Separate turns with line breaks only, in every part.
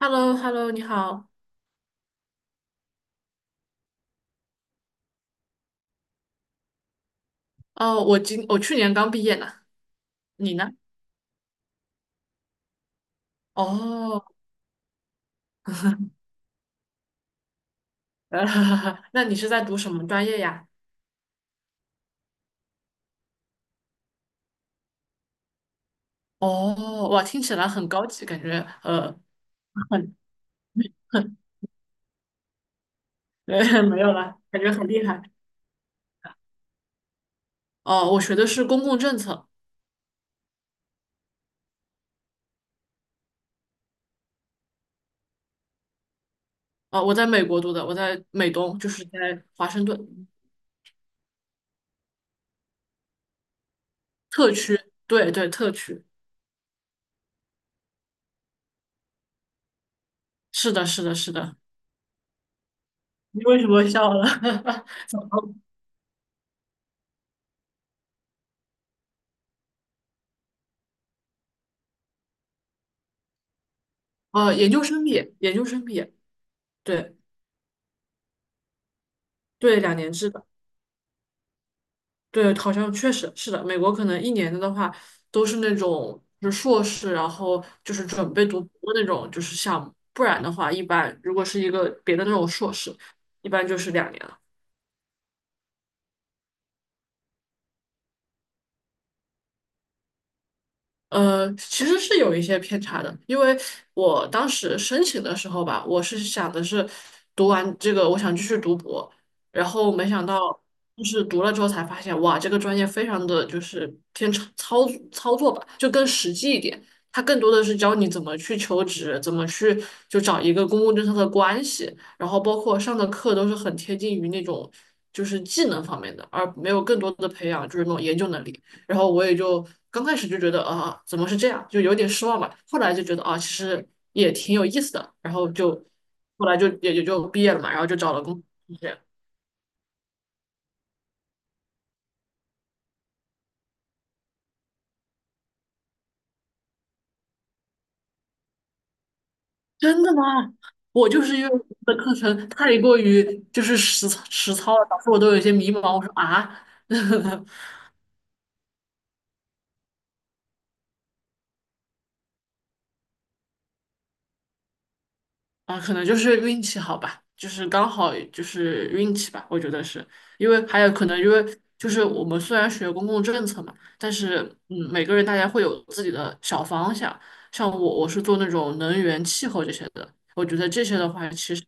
h e l l o h e l l o 你好。哦，我去年刚毕业呢，你呢？哦，那你是在读什么专业呀？哦，哇，听起来很高级，感觉很很，没有啦，感觉很厉害。哦，我学的是公共政策。哦，我在美国读的，我在美东，就是在华盛顿特区。对对，特区。是的，是的，是的。你为什么笑了？研究生毕业，研究生毕业，对对，两年制的。对，好像确实是的。美国可能一年的话，都是那种就是硕士，然后就是准备读博的那种就是项目，不然的话，一般如果是一个别的那种硕士，一般就是两年。其实是有一些偏差的，因为我当时申请的时候吧，我是想的是读完这个，我想继续读博，然后没想到就是读了之后才发现，哇，这个专业非常的就是偏操作吧，就更实际一点，它更多的是教你怎么去求职，怎么去就找一个公共政策的关系，然后包括上的课都是很贴近于那种就是技能方面的，而没有更多的培养就是那种研究能力。然后我也就刚开始就觉得啊，怎么是这样，就有点失望吧。后来就觉得啊，其实也挺有意思的。然后就后来就也就毕业了嘛，然后就找了工作。就这样。真的吗？我就是因为我们的课程太过于就是实操了，导致我都有一些迷茫。我说啊，啊，可能就是运气好吧，就是刚好就是运气吧，我觉得是，因为还有可能因为就是我们虽然学公共政策嘛，但是嗯，每个人大家会有自己的小方向，像我是做那种能源、气候这些的，我觉得这些的话其实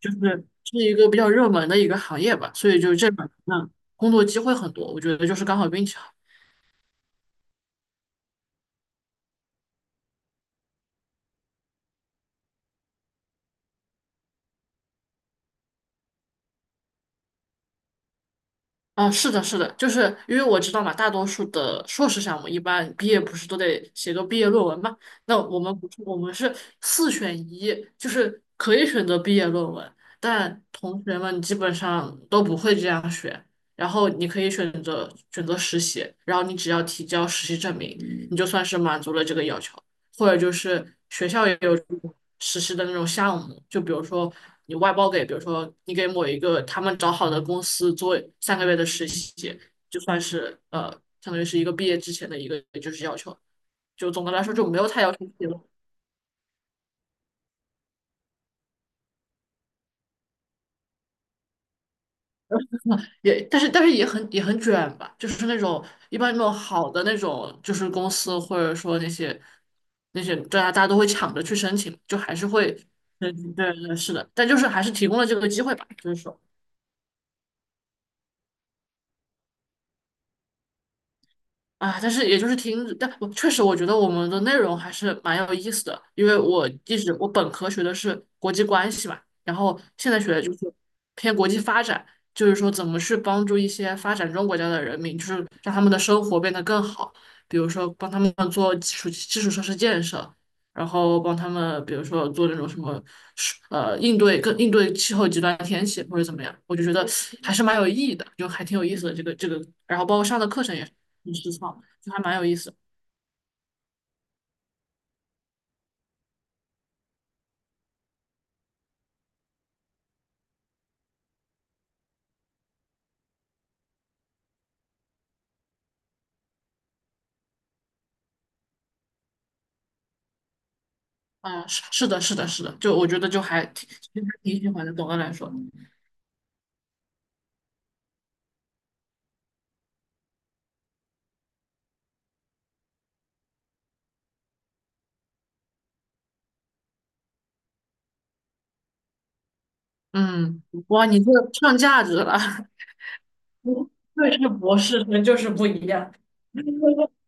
就是是一个比较热门的一个行业吧，所以就这两个工作机会很多，我觉得就是刚好运气好。啊，是的，是的，就是因为我知道嘛，大多数的硕士项目一般毕业不是都得写个毕业论文嘛？那我们不是，我们是四选一，就是可以选择毕业论文，但同学们基本上都不会这样选。然后你可以选择实习，然后你只要提交实习证明，你就算是满足了这个要求。或者就是学校也有这种实施的那种项目，就比如说你外包给，比如说你给某一个他们找好的公司做三个月的实习，就算是相当于是一个毕业之前的一个就是要求。就总的来说就没有太要求自己也但是也很卷吧，就是那种一般那种好的那种就是公司或者说那些大家都会抢着去申请，就还是会，对对对，是的，但就是还是提供了这个机会吧，就是说。啊，但是也就是听，但我确实我觉得我们的内容还是蛮有意思的，因为我一直我本科学的是国际关系嘛，然后现在学的就是偏国际发展，就是说怎么去帮助一些发展中国家的人民，就是让他们的生活变得更好，比如说帮他们做基础设施建设，然后帮他们比如说做那种什么应对气候极端天气或者怎么样，我就觉得还是蛮有意义的，就还挺有意思的这个，然后包括上的课程也是。很实操，就还蛮有意思。啊、是的，是的，是的，就我觉得就还挺喜欢的。总的来说，嗯，哇，你这上价值了，对，是博士生就是不一样。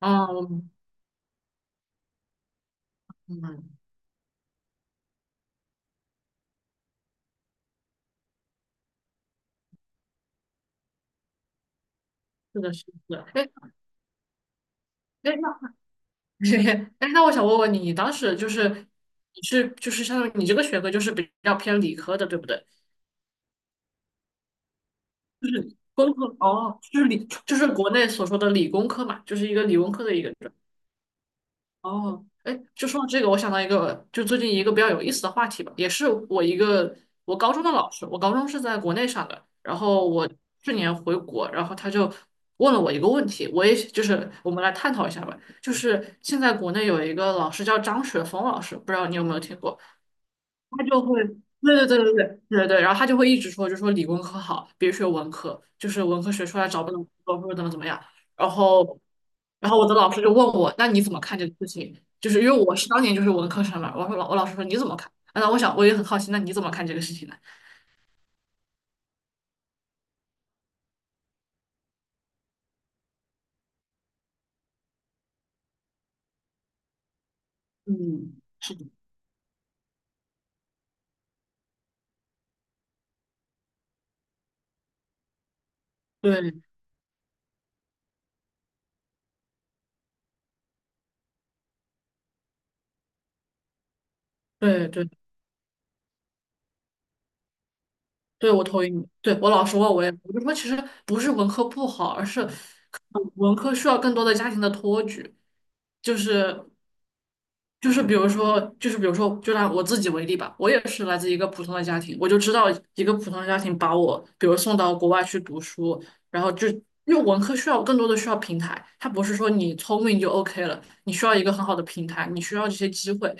嗯嗯，是的，是的。哎哎，那 哎，那我想问问你，你当时就是你是就是相当于你这个学科就是比较偏理科的，对不对？就是工科哦，就是理就是国内所说的理工科嘛，就是一个理工科的一个专业。哦，哎，就说到这个，我想到一个，就最近一个比较有意思的话题吧，也是我一个我高中的老师，我高中是在国内上的，然后我去年回国，然后他就问了我一个问题，我也就是我们来探讨一下吧，就是现在国内有一个老师叫张雪峰老师，不知道你有没有听过？他就会，对对对对对对对，然后他就会一直说，就说理工科好，别学文科，就是文科学出来找不到工作或者怎么怎么样。然后，然后我的老师就问我，那你怎么看这个事情？就是因为我是当年就是文科生嘛，我说我老师说你怎么看？啊那我想我也很好奇，那你怎么看这个事情呢？嗯，是的，对对对对，我同意你。对我老师问我也，我就说其实不是文科不好，而是文科需要更多的家庭的托举。就是就是比如说，就拿我自己为例吧，我也是来自一个普通的家庭，我就知道一个普通的家庭把我，比如送到国外去读书，然后就因为文科需要更多的需要平台，它不是说你聪明就 OK 了，你需要一个很好的平台，你需要这些机会，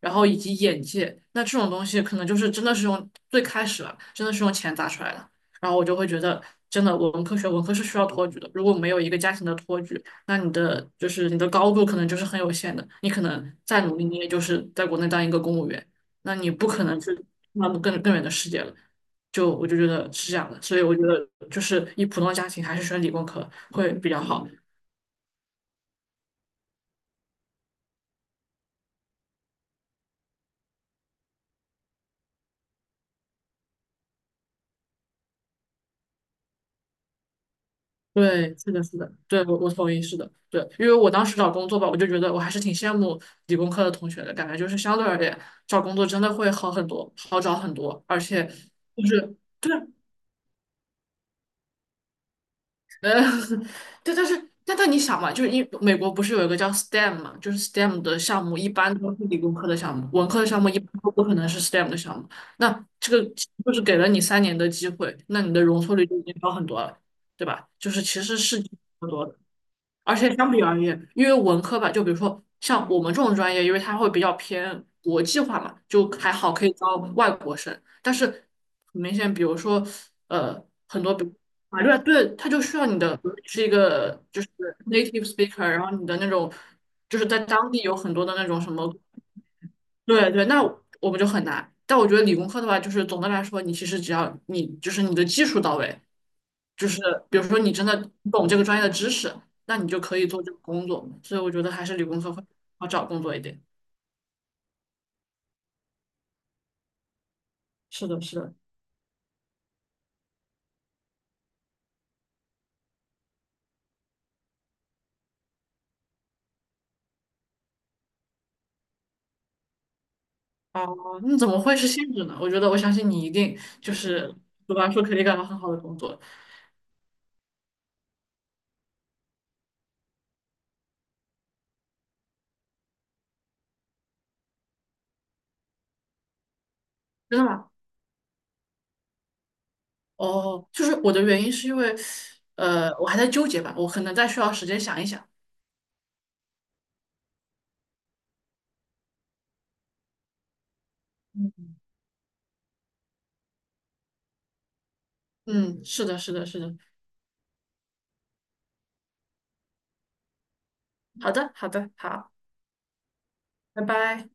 然后以及眼界，那这种东西可能就是真的是用最开始啊，真的是用钱砸出来的，然后我就会觉得真的文科学文科是需要托举的，如果没有一个家庭的托举。那你的就是你的高度可能就是很有限的，你可能再努力，你也就是在国内当一个公务员，那你不可能去那么更远的世界了。就我就觉得是这样的，所以我觉得就是以普通家庭还是选理工科会比较好。对，是的，是的，对，我同意，是的，对，因为我当时找工作吧，我就觉得我还是挺羡慕理工科的同学的，感觉就是相对而言找工作真的会好很多，好找很多，而且就是。对，呃，对，但是你想嘛，就是因美国不是有一个叫 STEM 嘛，就是 STEM 的项目一般都是理工科的项目，文科的项目一般都不可能是 STEM 的项目。那这个就是给了你三年的机会，那你的容错率就已经高很多了，对吧？就是其实是差不多的。而且相比而言，因为文科吧，就比如说像我们这种专业，因为它会比较偏国际化嘛，就还好可以招外国生。但是很明显，比如说呃，很多比如法律啊，对，它就需要你的比如你是一个就是 native speaker，然后你的那种就是在当地有很多的那种什么，对对，那我们就很难。但我觉得理工科的话，就是总的来说，你其实只要你就是你的技术到位，就是比如说你真的懂这个专业的知识，那你就可以做这个工作嘛。所以我觉得还是理工科会好找工作一点。是的，是的。哦，那怎么会是限制呢？我觉得我相信你一定就是读完书肯定干到很好的工作，真的吗？哦，就是我的原因是因为，我还在纠结吧，我可能再需要时间想一想。嗯嗯，是的，是的，是的。好的，好的，好，拜拜。